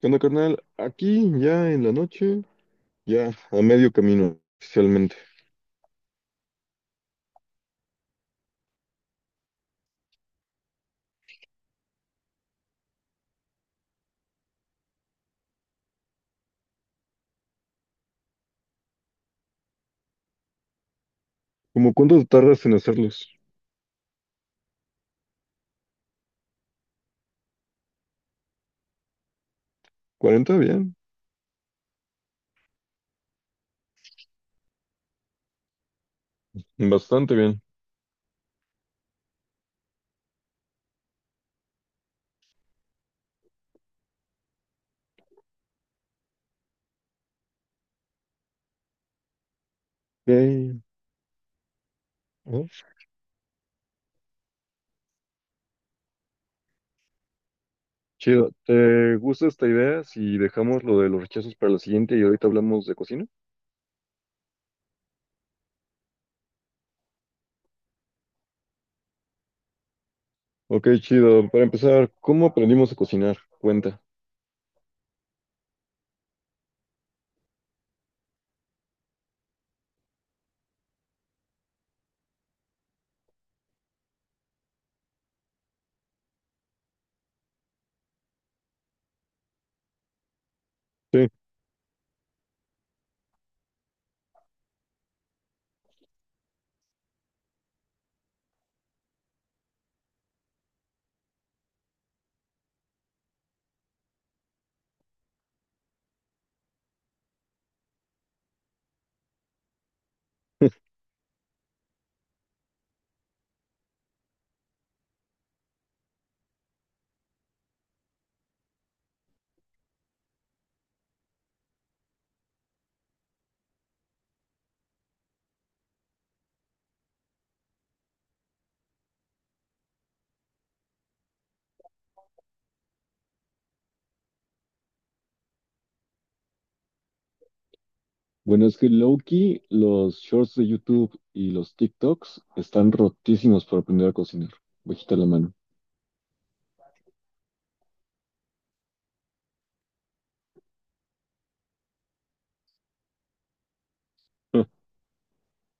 ¿Qué onda, carnal? Aquí, ya en la noche, ya a medio camino, oficialmente. ¿Cómo cuánto tardas en hacerlos? ¿40? Bien. Bastante bien. Ok, ajá. Chido. ¿Te gusta esta idea si dejamos lo de los rechazos para la siguiente y ahorita hablamos de cocina? Ok, chido. Para empezar, ¿cómo aprendimos a cocinar? Cuenta. Sí. Bueno, es que Loki, los shorts de YouTube y los TikToks están rotísimos para aprender a cocinar. Bajita la mano.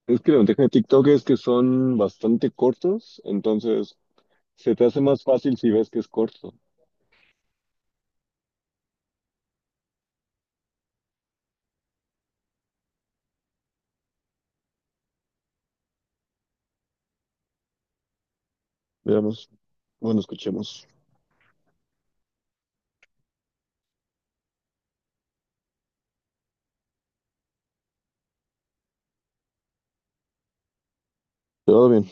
Es que la ventaja de TikTok es que son bastante cortos, entonces se te hace más fácil si ves que es corto. Veamos. Bueno, escuchemos. Todo bien.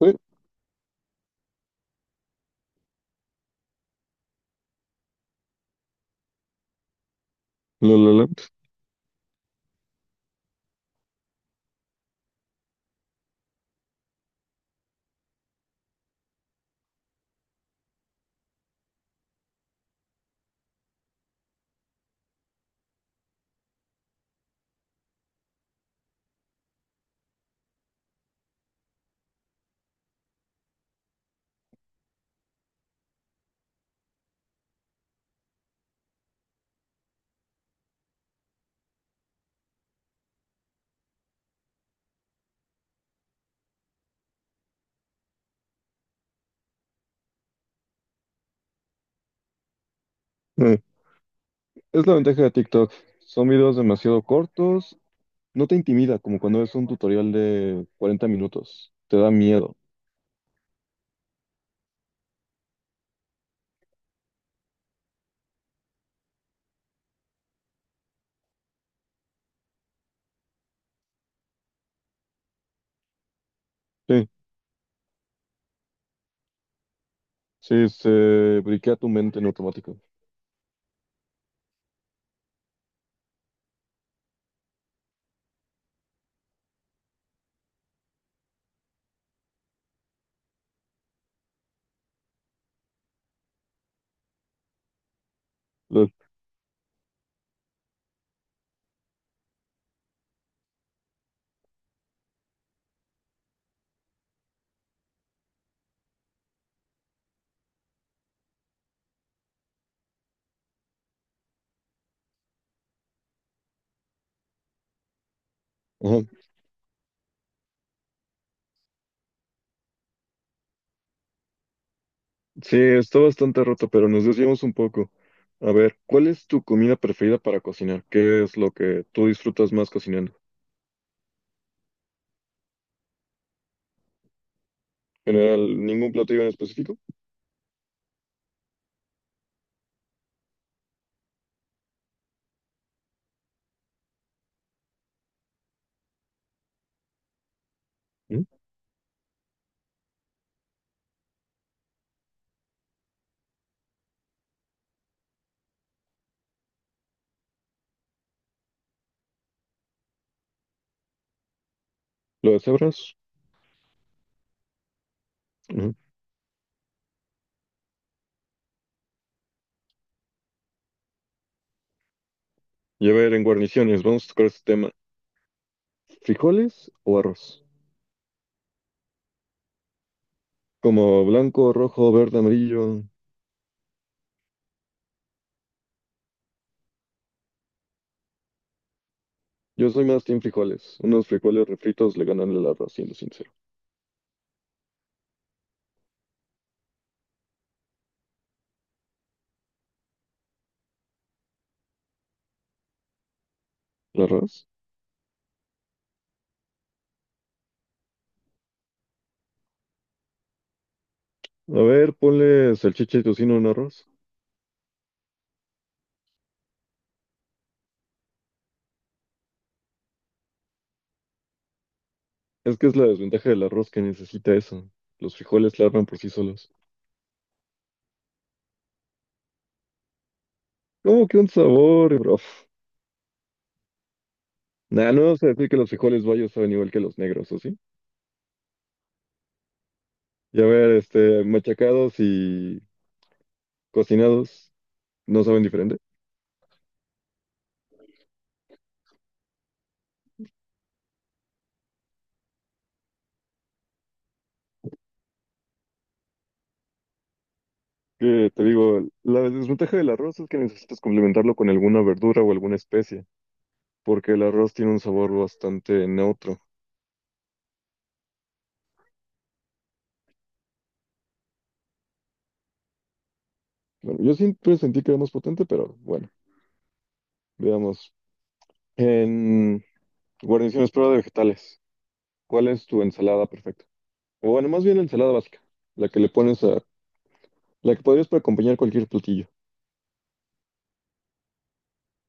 Uy, lo, lo. Eh, Es la ventaja de TikTok. Son videos demasiado cortos. No te intimida como cuando ves un tutorial de 40 minutos. Te da miedo. Sí, sí, se briquea tu mente en automático. Lol. Sí, está bastante roto, pero nos desviamos un poco. A ver, ¿cuál es tu comida preferida para cocinar? ¿Qué es lo que tú disfrutas más cocinando? En general, ningún platillo en específico. ¿Mm? ¿Lo de cebras? Ujú. Y a ver, en guarniciones, vamos a tocar este tema. ¿Frijoles o arroz? Como blanco, rojo, verde, amarillo. Yo soy más team frijoles. Unos frijoles refritos le ganan el arroz, siendo sincero. ¿El arroz? A ver, ponle salchicha y tocino en arroz. Es que es la desventaja del arroz que necesita eso. Los frijoles larvan por sí solos. ¿Cómo que un sabor, bro? Nah, no vamos a decir que los frijoles bayos saben igual que los negros, ¿o sí? Y a ver, machacados y cocinados no saben diferente. Que te digo, la desventaja del arroz es que necesitas complementarlo con alguna verdura o alguna especie, porque el arroz tiene un sabor bastante neutro. Bueno, yo siempre sentí que era más potente, pero bueno, veamos. En guarniciones prueba de vegetales, ¿cuál es tu ensalada perfecta? O bueno, más bien la ensalada básica, la que le pones a, la que podrías para acompañar cualquier platillo.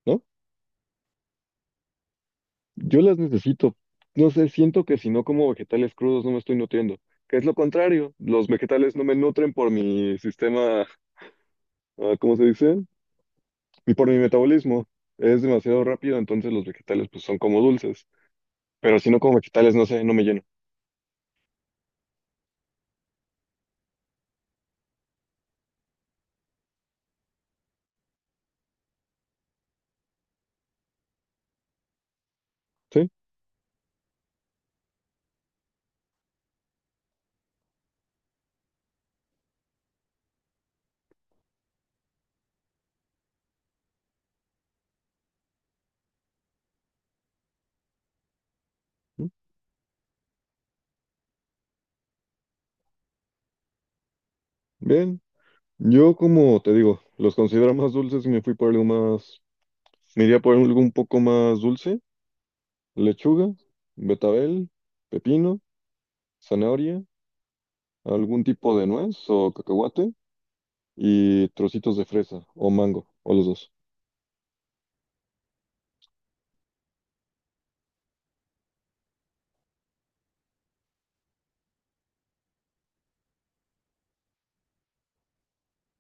¿No? Yo las necesito. No sé, siento que si no como vegetales crudos no me estoy nutriendo, que es lo contrario. Los vegetales no me nutren por mi sistema, ah, ¿cómo se dice? Y por mi metabolismo. Es demasiado rápido, entonces los vegetales pues son como dulces. Pero si no como vegetales, no sé, no me lleno. ¿Sí? ¿Mm? Bien. Yo como te digo, los considero más dulces y me fui por algo más, me iría por algo un poco más dulce. Lechuga, betabel, pepino, zanahoria, algún tipo de nuez o cacahuate. Y trocitos de fresa o mango, o los dos.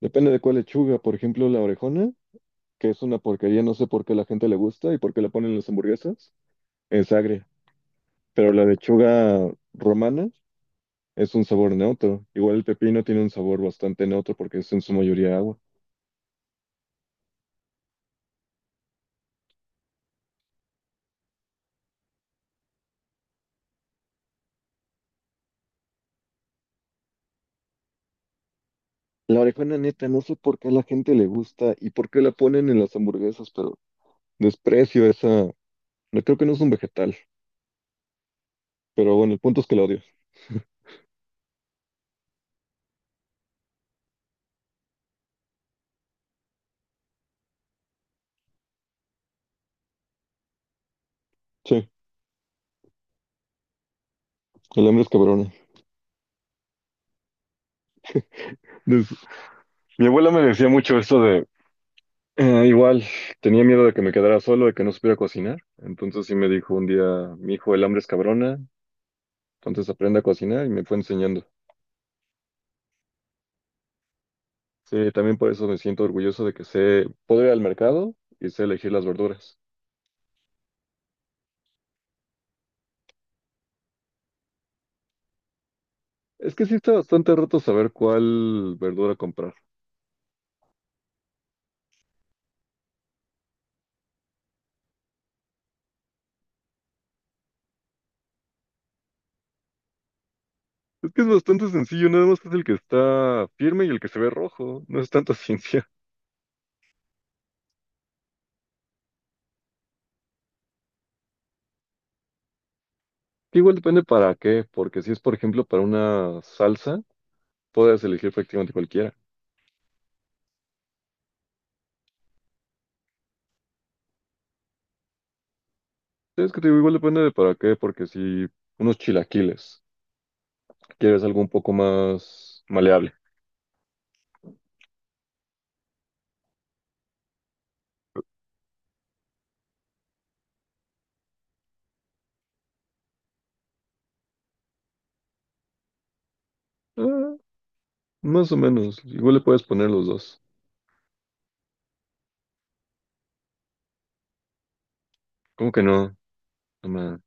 Depende de cuál lechuga, por ejemplo, la orejona, que es una porquería, no sé por qué a la gente le gusta y por qué la ponen en las hamburguesas, es agria, pero la lechuga romana es un sabor neutro. Igual el pepino tiene un sabor bastante neutro porque es en su mayoría agua. La orejona neta, no sé por qué a la gente le gusta y por qué la ponen en las hamburguesas, pero desprecio esa, no creo que no es un vegetal, pero bueno, el punto es que la odio. Sí, el hambre es cabrona. Des- Mi abuela me decía mucho esto igual, tenía miedo de que me quedara solo, de que no supiera cocinar. Entonces sí me dijo un día, mi hijo, el hambre es cabrona, entonces aprende a cocinar y me fue enseñando. Sí, también por eso me siento orgulloso de que sé, poder ir al mercado y sé elegir las verduras. Es que sí está bastante roto saber cuál verdura comprar. Es que es bastante sencillo, nada más es el que está firme y el que se ve rojo, no es tanta ciencia. Que igual depende para qué, porque si es por ejemplo para una salsa, puedes elegir prácticamente cualquiera. Es que te digo, igual depende de para qué, porque si unos chilaquiles, quieres algo un poco más maleable. Ah, más o menos, igual le puedes poner los dos. ¿Cómo que no? No ma-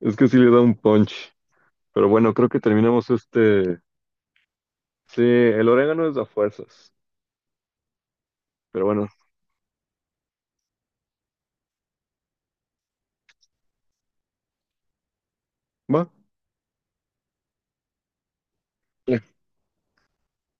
Es que sí le da un punch. Pero bueno, creo que terminamos este... Sí, el orégano es a fuerzas. Pero bueno, va.